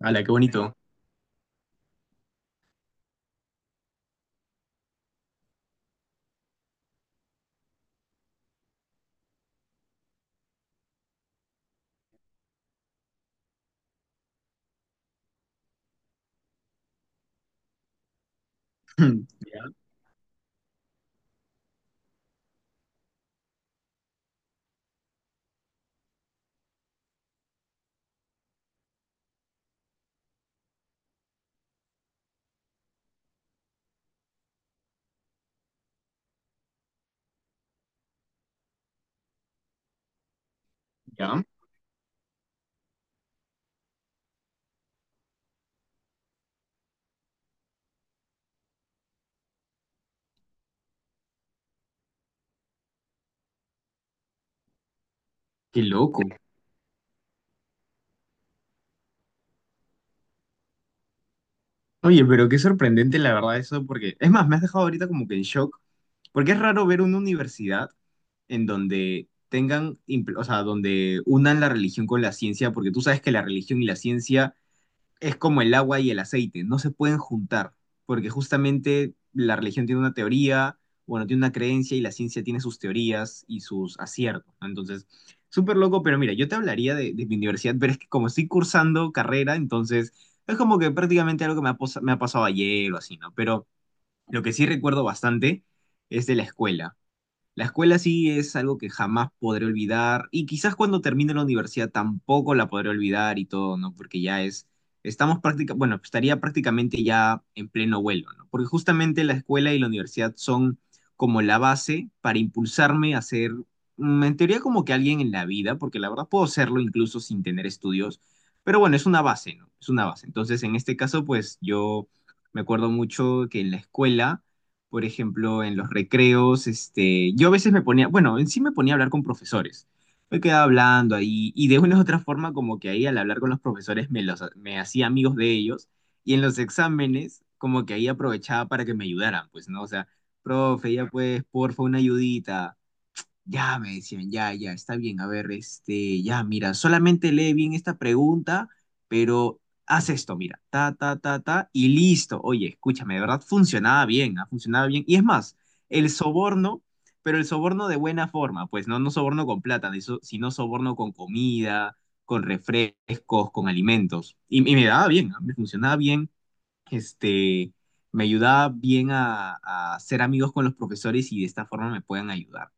Hala, qué bonito. Ya, ya. Qué loco. Oye, pero qué sorprendente la verdad eso, porque es más, me has dejado ahorita como que en shock, porque es raro ver una universidad en donde tengan, o sea, donde unan la religión con la ciencia, porque tú sabes que la religión y la ciencia es como el agua y el aceite, no se pueden juntar, porque justamente la religión tiene una teoría, bueno, tiene una creencia, y la ciencia tiene sus teorías y sus aciertos, ¿no? Entonces, súper loco, pero mira, yo te hablaría de mi universidad, pero es que como estoy cursando carrera, entonces es como que prácticamente algo que me ha, me ha pasado ayer o así, ¿no? Pero lo que sí recuerdo bastante es de la escuela. La escuela sí es algo que jamás podré olvidar, y quizás cuando termine la universidad tampoco la podré olvidar y todo, ¿no? Porque ya es, bueno, estaría prácticamente ya en pleno vuelo, ¿no? Porque justamente la escuela y la universidad son como la base para impulsarme a ser, en teoría, como que alguien en la vida, porque la verdad puedo serlo incluso sin tener estudios, pero bueno, es una base, ¿no? Es una base. Entonces, en este caso, pues yo me acuerdo mucho que en la escuela, por ejemplo, en los recreos, este, yo a veces me ponía, bueno, en sí me ponía a hablar con profesores. Me quedaba hablando ahí, y de una u otra forma, como que ahí al hablar con los profesores me hacía amigos de ellos, y en los exámenes como que ahí aprovechaba para que me ayudaran, pues, ¿no? O sea, profe, ya pues, porfa, una ayudita. Ya me decían, ya, ya, está bien. A ver, este, ya, mira, solamente lee bien esta pregunta, pero haz esto, mira, ta, ta, ta, ta, y listo. Oye, escúchame, de verdad funcionaba bien, ha funcionado bien. Y es más, el soborno, pero el soborno de buena forma, pues no, no soborno con plata, sino soborno con comida, con refrescos, con alimentos. Y me daba bien, ah, me funcionaba bien, este, me ayudaba bien a ser amigos con los profesores, y de esta forma me pueden ayudar.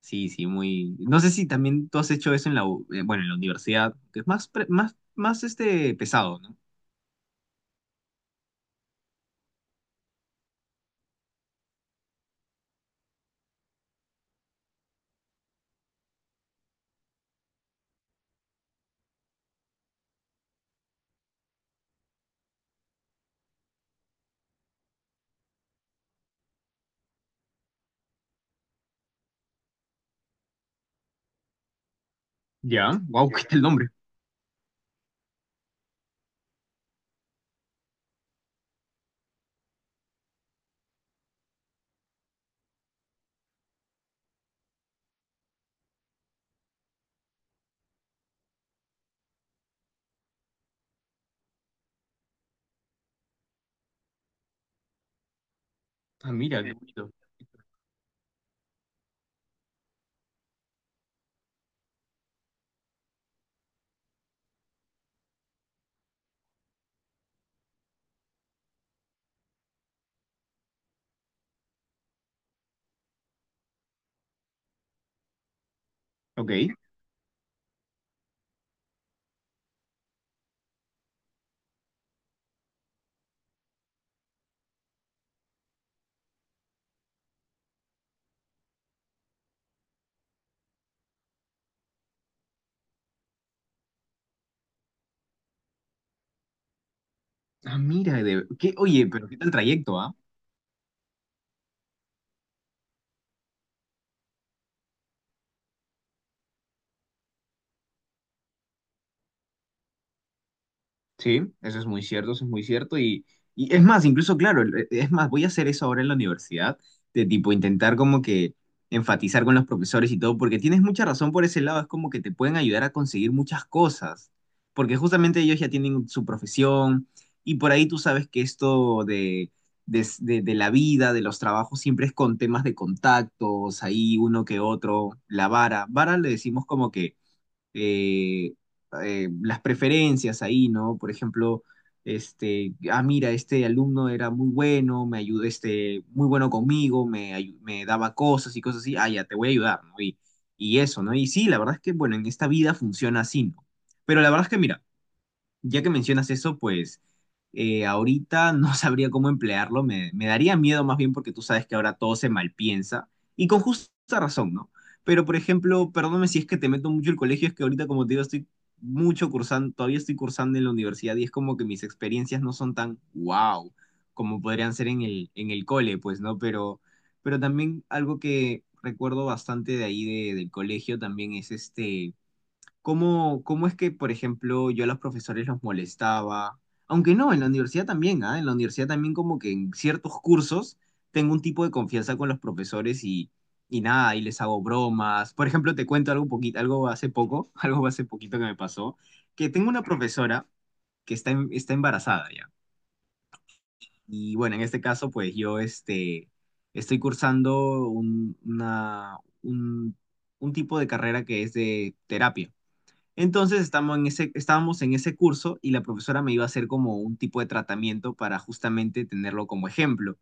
Sí, sí, muy. No sé si también tú has hecho eso en la, bueno, en la universidad, que es más, más, más este pesado, ¿no? Ya, wow, ¿qué tal el nombre? Ah, mira, qué bonito. Ok. Ah, mira, de... ¿qué? Oye, pero qué tal trayecto, ¿ah? Sí, eso es muy cierto, eso es muy cierto. Y es más, incluso, claro, es más, voy a hacer eso ahora en la universidad, de tipo intentar como que enfatizar con los profesores y todo, porque tienes mucha razón por ese lado, es como que te pueden ayudar a conseguir muchas cosas, porque justamente ellos ya tienen su profesión, y por ahí tú sabes que esto de la vida, de los trabajos, siempre es con temas de contactos, ahí uno que otro, la vara. Vara le decimos como que eh, las preferencias ahí, ¿no? Por ejemplo, este, ah, mira, este alumno era muy bueno, me ayudó, este, muy bueno conmigo, me daba cosas y cosas así, ah, ya, te voy a ayudar, ¿no? Y eso, ¿no? Y sí, la verdad es que, bueno, en esta vida funciona así, ¿no? Pero la verdad es que, mira, ya que mencionas eso, pues ahorita no sabría cómo emplearlo, me daría miedo más bien, porque tú sabes que ahora todo se malpiensa, y con justa razón, ¿no? Pero por ejemplo, perdóname si es que te meto mucho el colegio, es que ahorita como te digo estoy mucho cursando, todavía estoy cursando en la universidad, y es como que mis experiencias no son tan wow como podrían ser en el cole, pues, ¿no? Pero también algo que recuerdo bastante de ahí, del colegio también, es este, ¿cómo, cómo es que, por ejemplo, yo a los profesores los molestaba? Aunque no, en la universidad también, ¿ah? En la universidad también como que en ciertos cursos tengo un tipo de confianza con los profesores y nada, y les hago bromas. Por ejemplo, te cuento algo poquito, algo hace poco, algo hace poquito que me pasó, que tengo una profesora que está embarazada ya. Y bueno, en este caso, pues yo este, estoy cursando un tipo de carrera que es de terapia. Entonces estamos en ese, estábamos en ese curso, y la profesora me iba a hacer como un tipo de tratamiento para justamente tenerlo como ejemplo.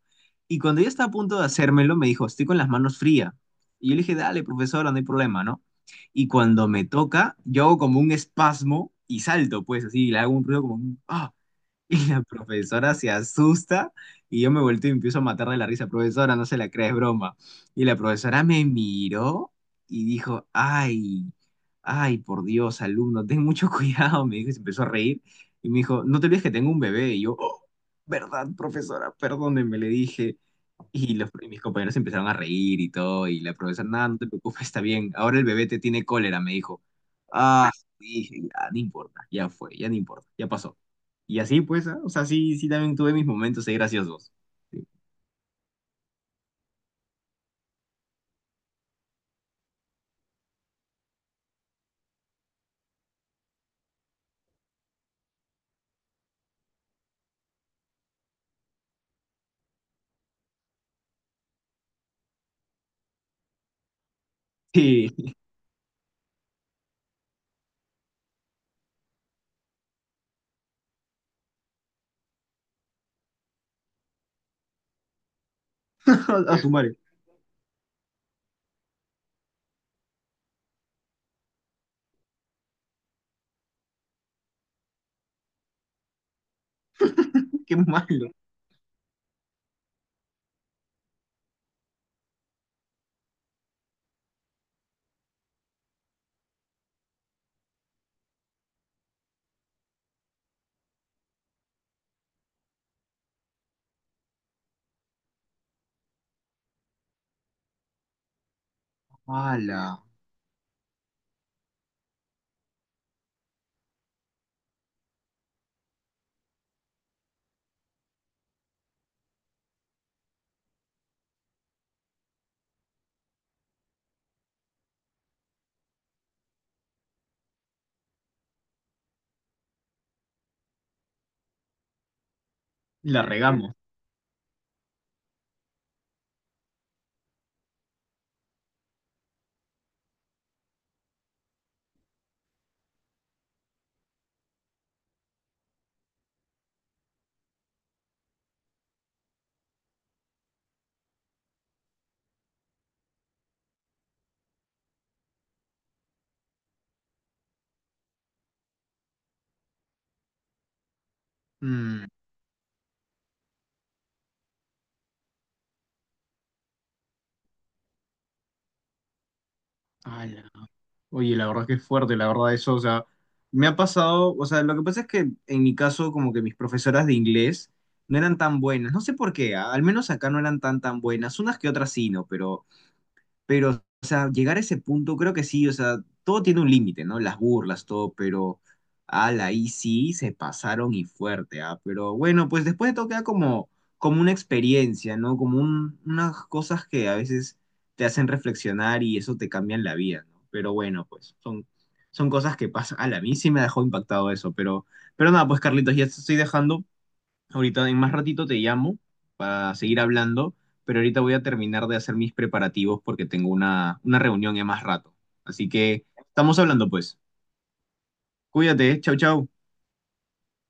Y cuando ella estaba a punto de hacérmelo, me dijo, estoy con las manos frías. Y yo le dije, dale, profesora, no hay problema, ¿no? Y cuando me toca, yo hago como un espasmo y salto, pues así, le hago un ruido como un, ah, y la profesora se asusta, y yo me vuelto y empiezo a matar de la risa. Profesora, no se la crees, broma. Y la profesora me miró y dijo, ay, ay, por Dios, alumno, ten mucho cuidado. Me dijo y se empezó a reír. Y me dijo, no te olvides que tengo un bebé. Y yo, "Oh, ¿verdad, profesora? Perdóneme", le dije. Y los, y mis compañeros empezaron a reír y todo, y la profesora, nada, no te preocupes, está bien, ahora el bebé te tiene cólera, me dijo. Ah, dije, ya, no importa, ya fue, ya no importa, ya pasó. Y así, pues, ah, o sea, sí, sí, también tuve mis momentos ahí graciosos. Sí, a su madre, qué malo. Ala, la regamos. Mm. Ala. Oye, la verdad que es fuerte, la verdad eso, o sea, me ha pasado, o sea, lo que pasa es que en mi caso como que mis profesoras de inglés no eran tan buenas, no sé por qué, ah, al menos acá no eran tan tan buenas, unas que otras sí, no, pero, o sea, llegar a ese punto, creo que sí, o sea, todo tiene un límite, ¿no? Las burlas, todo, pero, ala, ahí sí se pasaron, y fuerte, ¿ah? Pero bueno, pues después de todo queda como, como una experiencia, ¿no? Como unas cosas que a veces te hacen reflexionar, y eso te cambia la vida, ¿no? Pero bueno, pues son, son cosas que pasan. Ala, a mí sí me dejó impactado eso, pero nada, pues Carlitos, ya te estoy dejando. Ahorita en más ratito te llamo para seguir hablando, pero ahorita voy a terminar de hacer mis preparativos porque tengo una reunión en más rato. Así que estamos hablando pues. Cuídate, chau, chau.